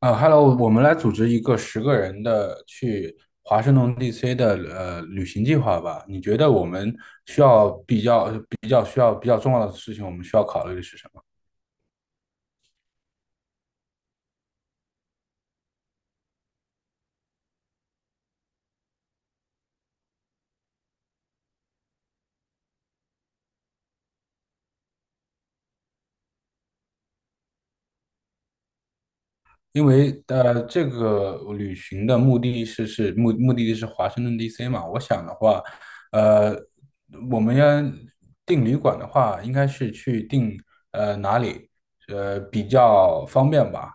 啊 h e l l o 我们来组织一个十个人的去华盛顿 DC 的旅行计划吧。你觉得我们需要比较重要的事情，我们需要考虑的是什么？因为这个旅行的目的地是华盛顿 DC 嘛。我想的话，呃，我们要订旅馆的话，应该是去订哪里比较方便吧？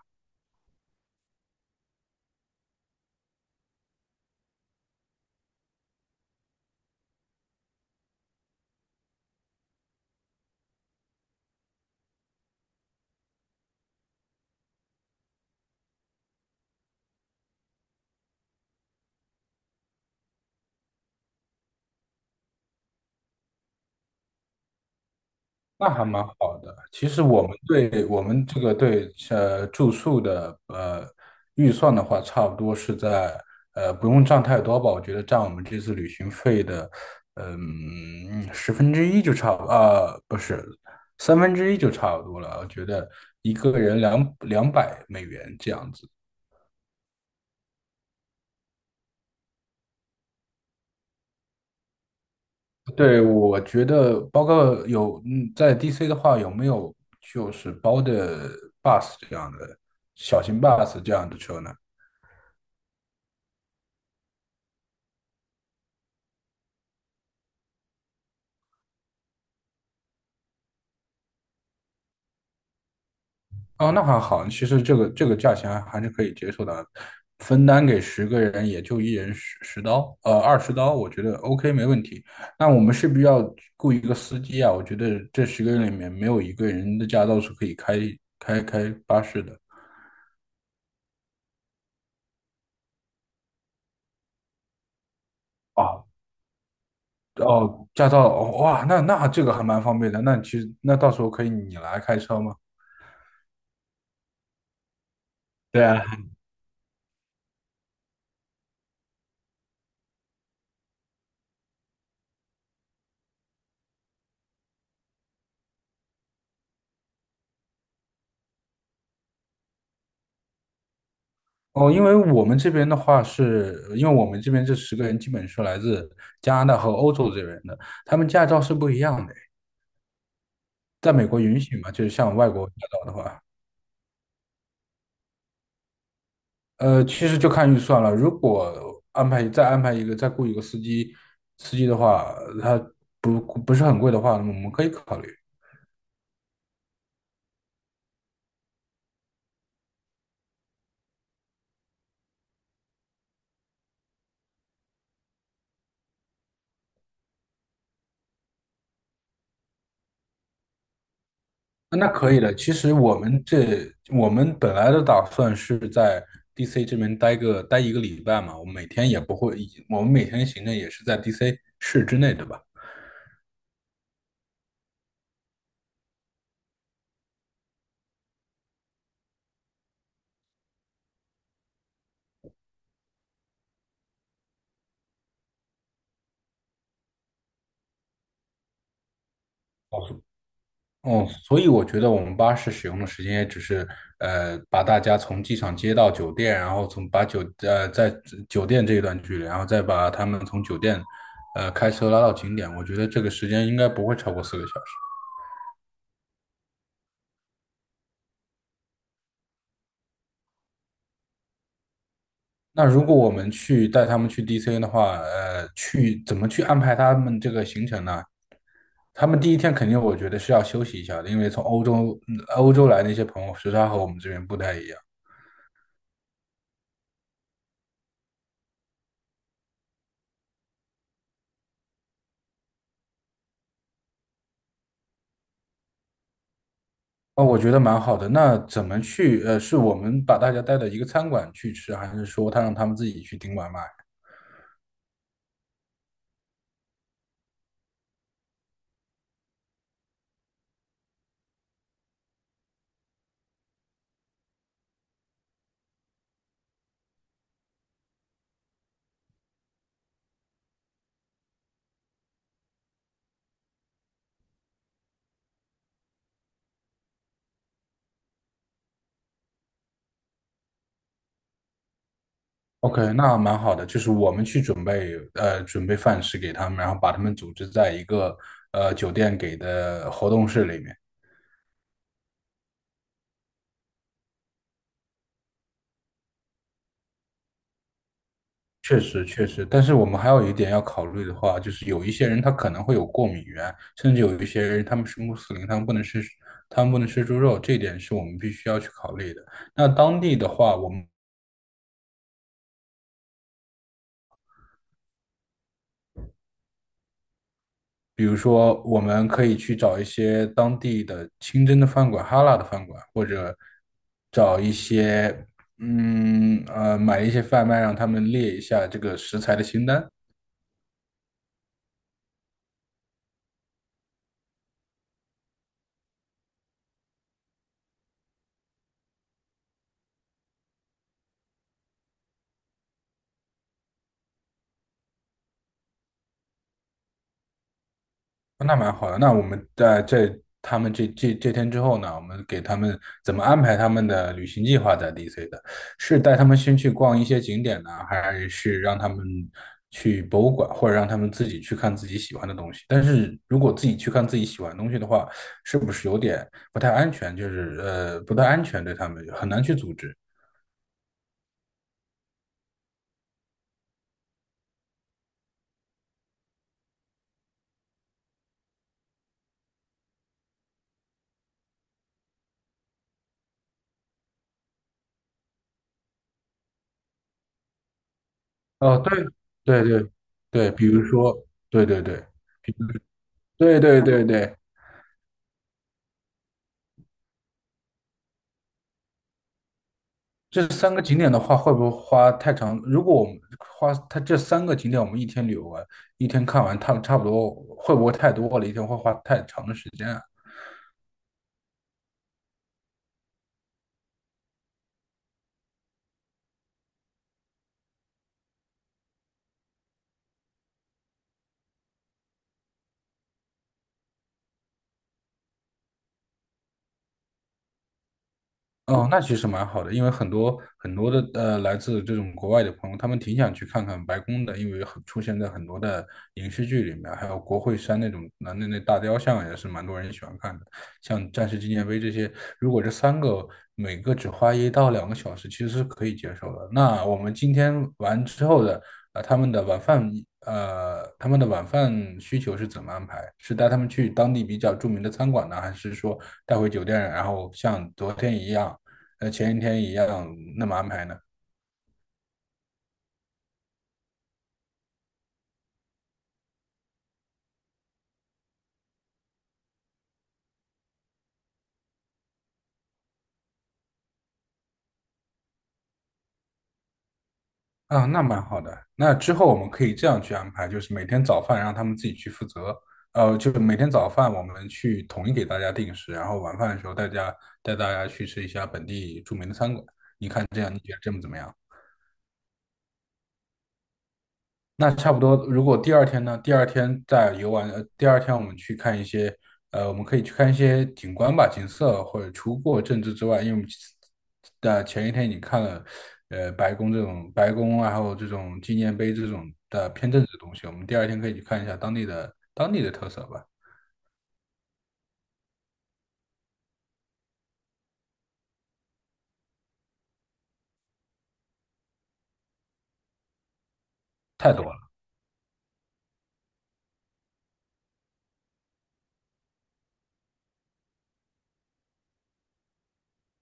那还蛮好的。其实我们对我们这个对呃住宿的预算的话，差不多是在不用占太多吧。我觉得占我们这次旅行费的十分之一就差不啊、不是三分之一就差不多了。我觉得一个人两百美元这样子。对，我觉得包括有在 DC 的话，有没有就是包的 bus 这样的小型 bus 这样的车呢？哦，那还好，其实这个价钱还是可以接受的，分担给十个人也就一人十刀，20刀，我觉得 OK 没问题。那我们是不是要雇一个司机啊？我觉得这十个人里面没有一个人的驾照是可以开巴士的。啊，哦，驾照，哦哇，那这个还蛮方便的。那其实那到时候可以你来开车吗？对啊，哦，因为我们这边的话是，因为我们这边这十个人基本是来自加拿大和欧洲这边的，他们驾照是不一样的。在美国允许嘛，就是像外国驾照的话，其实就看预算了。如果再安排一个，再雇一个司机，的话，他不是很贵的话，那么我们可以考虑。那可以的。其实我们本来的打算是在 DC 这边待一个礼拜嘛，我们每天也不会，我们每天行程也是在 DC 市之内，对吧？哦，哦，所以我觉得我们巴士使用的时间也只是把大家从机场接到酒店，然后从把酒呃在酒店这一段距离，然后再把他们从酒店开车拉到景点。我觉得这个时间应该不会超过4个小时。那如果我们去带他们去 DC 的话，去怎么去安排他们这个行程呢？他们第一天肯定我觉得是要休息一下的，因为从欧洲来那些朋友时差和我们这边不太一样。哦，我觉得蛮好的。那怎么去？是我们把大家带到一个餐馆去吃，还是说让他们自己去订外卖？OK，那蛮好的，就是我们去准备饭食给他们，然后把他们组织在一个酒店给的活动室里面。确实，确实，但是我们还有一点要考虑的话，就是有一些人他可能会有过敏源，甚至有一些人他们是穆斯林，他们不能吃猪肉，这一点是我们必须要去考虑的。那当地的话，比如说，我们可以去找一些当地的清真的饭馆、哈拉的饭馆，或者找一些，买一些贩卖，让他们列一下这个食材的清单。哦那蛮好的。那我们他们这天之后呢，我们给他们怎么安排他们的旅行计划在 DC 的？是带他们先去逛一些景点呢，还是让他们去博物馆，或者让他们自己去看自己喜欢的东西？但是如果自己去看自己喜欢的东西的话，是不是有点不太安全？就是不太安全，对他们很难去组织。哦，对对对对，比如说，对对对。对对对对，这三个景点的话，会不会花太长？如果我们花它这三个景点，我们一天旅游完，一天看完，它们差不多会不会太多了？一天会花太长的时间啊？哦，那其实蛮好的，因为很多很多的来自这种国外的朋友，他们挺想去看看白宫的，因为很出现在很多的影视剧里面，还有国会山那种那大雕像也是蛮多人喜欢看的。像战士纪念碑这些，如果这三个每个只花一到两个小时，其实是可以接受的。那我们今天完之后的呃，他们的晚饭他们的晚饭需求是怎么安排？是带他们去当地比较著名的餐馆呢，还是说带回酒店，然后像昨天一样？前一天一样那么安排呢？啊，那蛮好的。那之后我们可以这样去安排，就是每天早饭让他们自己去负责，就是每天早饭我们去统一给大家定时，然后晚饭的时候带大家去吃一下本地著名的餐馆，这样你觉得怎么样？那差不多。如果第二天呢？第二天我们去看一些，我们可以去看一些景观吧，景色或者除过政治之外，因为我们的前一天已经看了，白宫然后这种纪念碑这种的偏政治的东西，我们第二天可以去看一下当地的特色吧，太多了。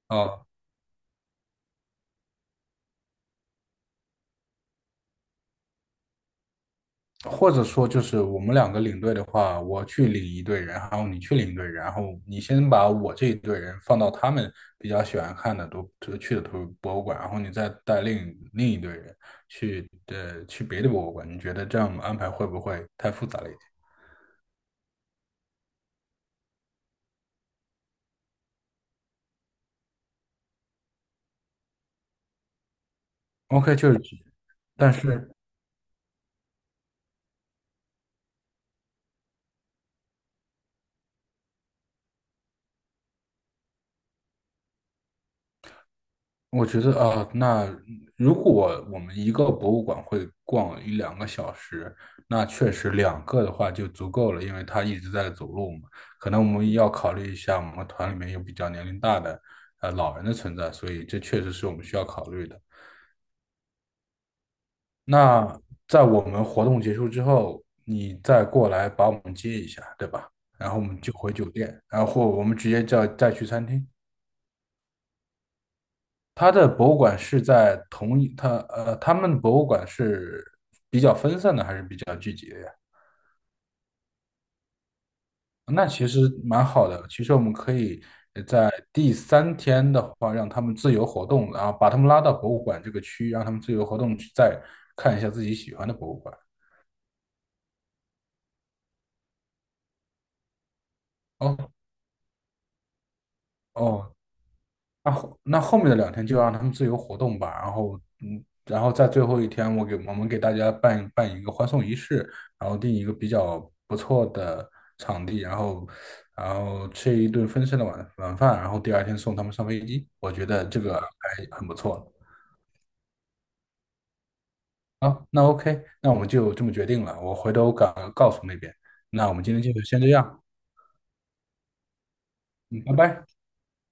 哦，或者说就是我们两个领队的话，我去领一队人，然后你去领一队人，然后你先把我这一队人放到他们比较喜欢看的都就去的博物馆，然后你再带另一队人去别的博物馆，你觉得这样安排会不会太复杂了一点？OK，就是，但是我觉得啊，那如果我们一个博物馆会逛一两个小时，那确实两个的话就足够了，因为他一直在走路嘛。可能我们要考虑一下，我们团里面有比较年龄大的老人的存在，所以这确实是我们需要考虑的。那在我们活动结束之后，你再过来把我们接一下，对吧？然后我们就回酒店，然后我们直接叫再去餐厅。它的博物馆是在同一，它呃，他们的博物馆是比较分散的，还是比较？那其实蛮好的。其实我们可以在第三天的话，让他们自由活动，然后把他们拉到博物馆这个区，让他们自由活动，去再看一下自己喜欢的博物馆。哦哦，那后面的两天就让他们自由活动吧，然后在最后一天，我们给大家办一个欢送仪式，然后定一个比较不错的场地，然后吃一顿丰盛的晚饭，然后第二天送他们上飞机，我觉得这个还很不错啊好，那 OK，那我们就这么决定了，我回头告诉那边，那我们今天就先这样，嗯，拜拜。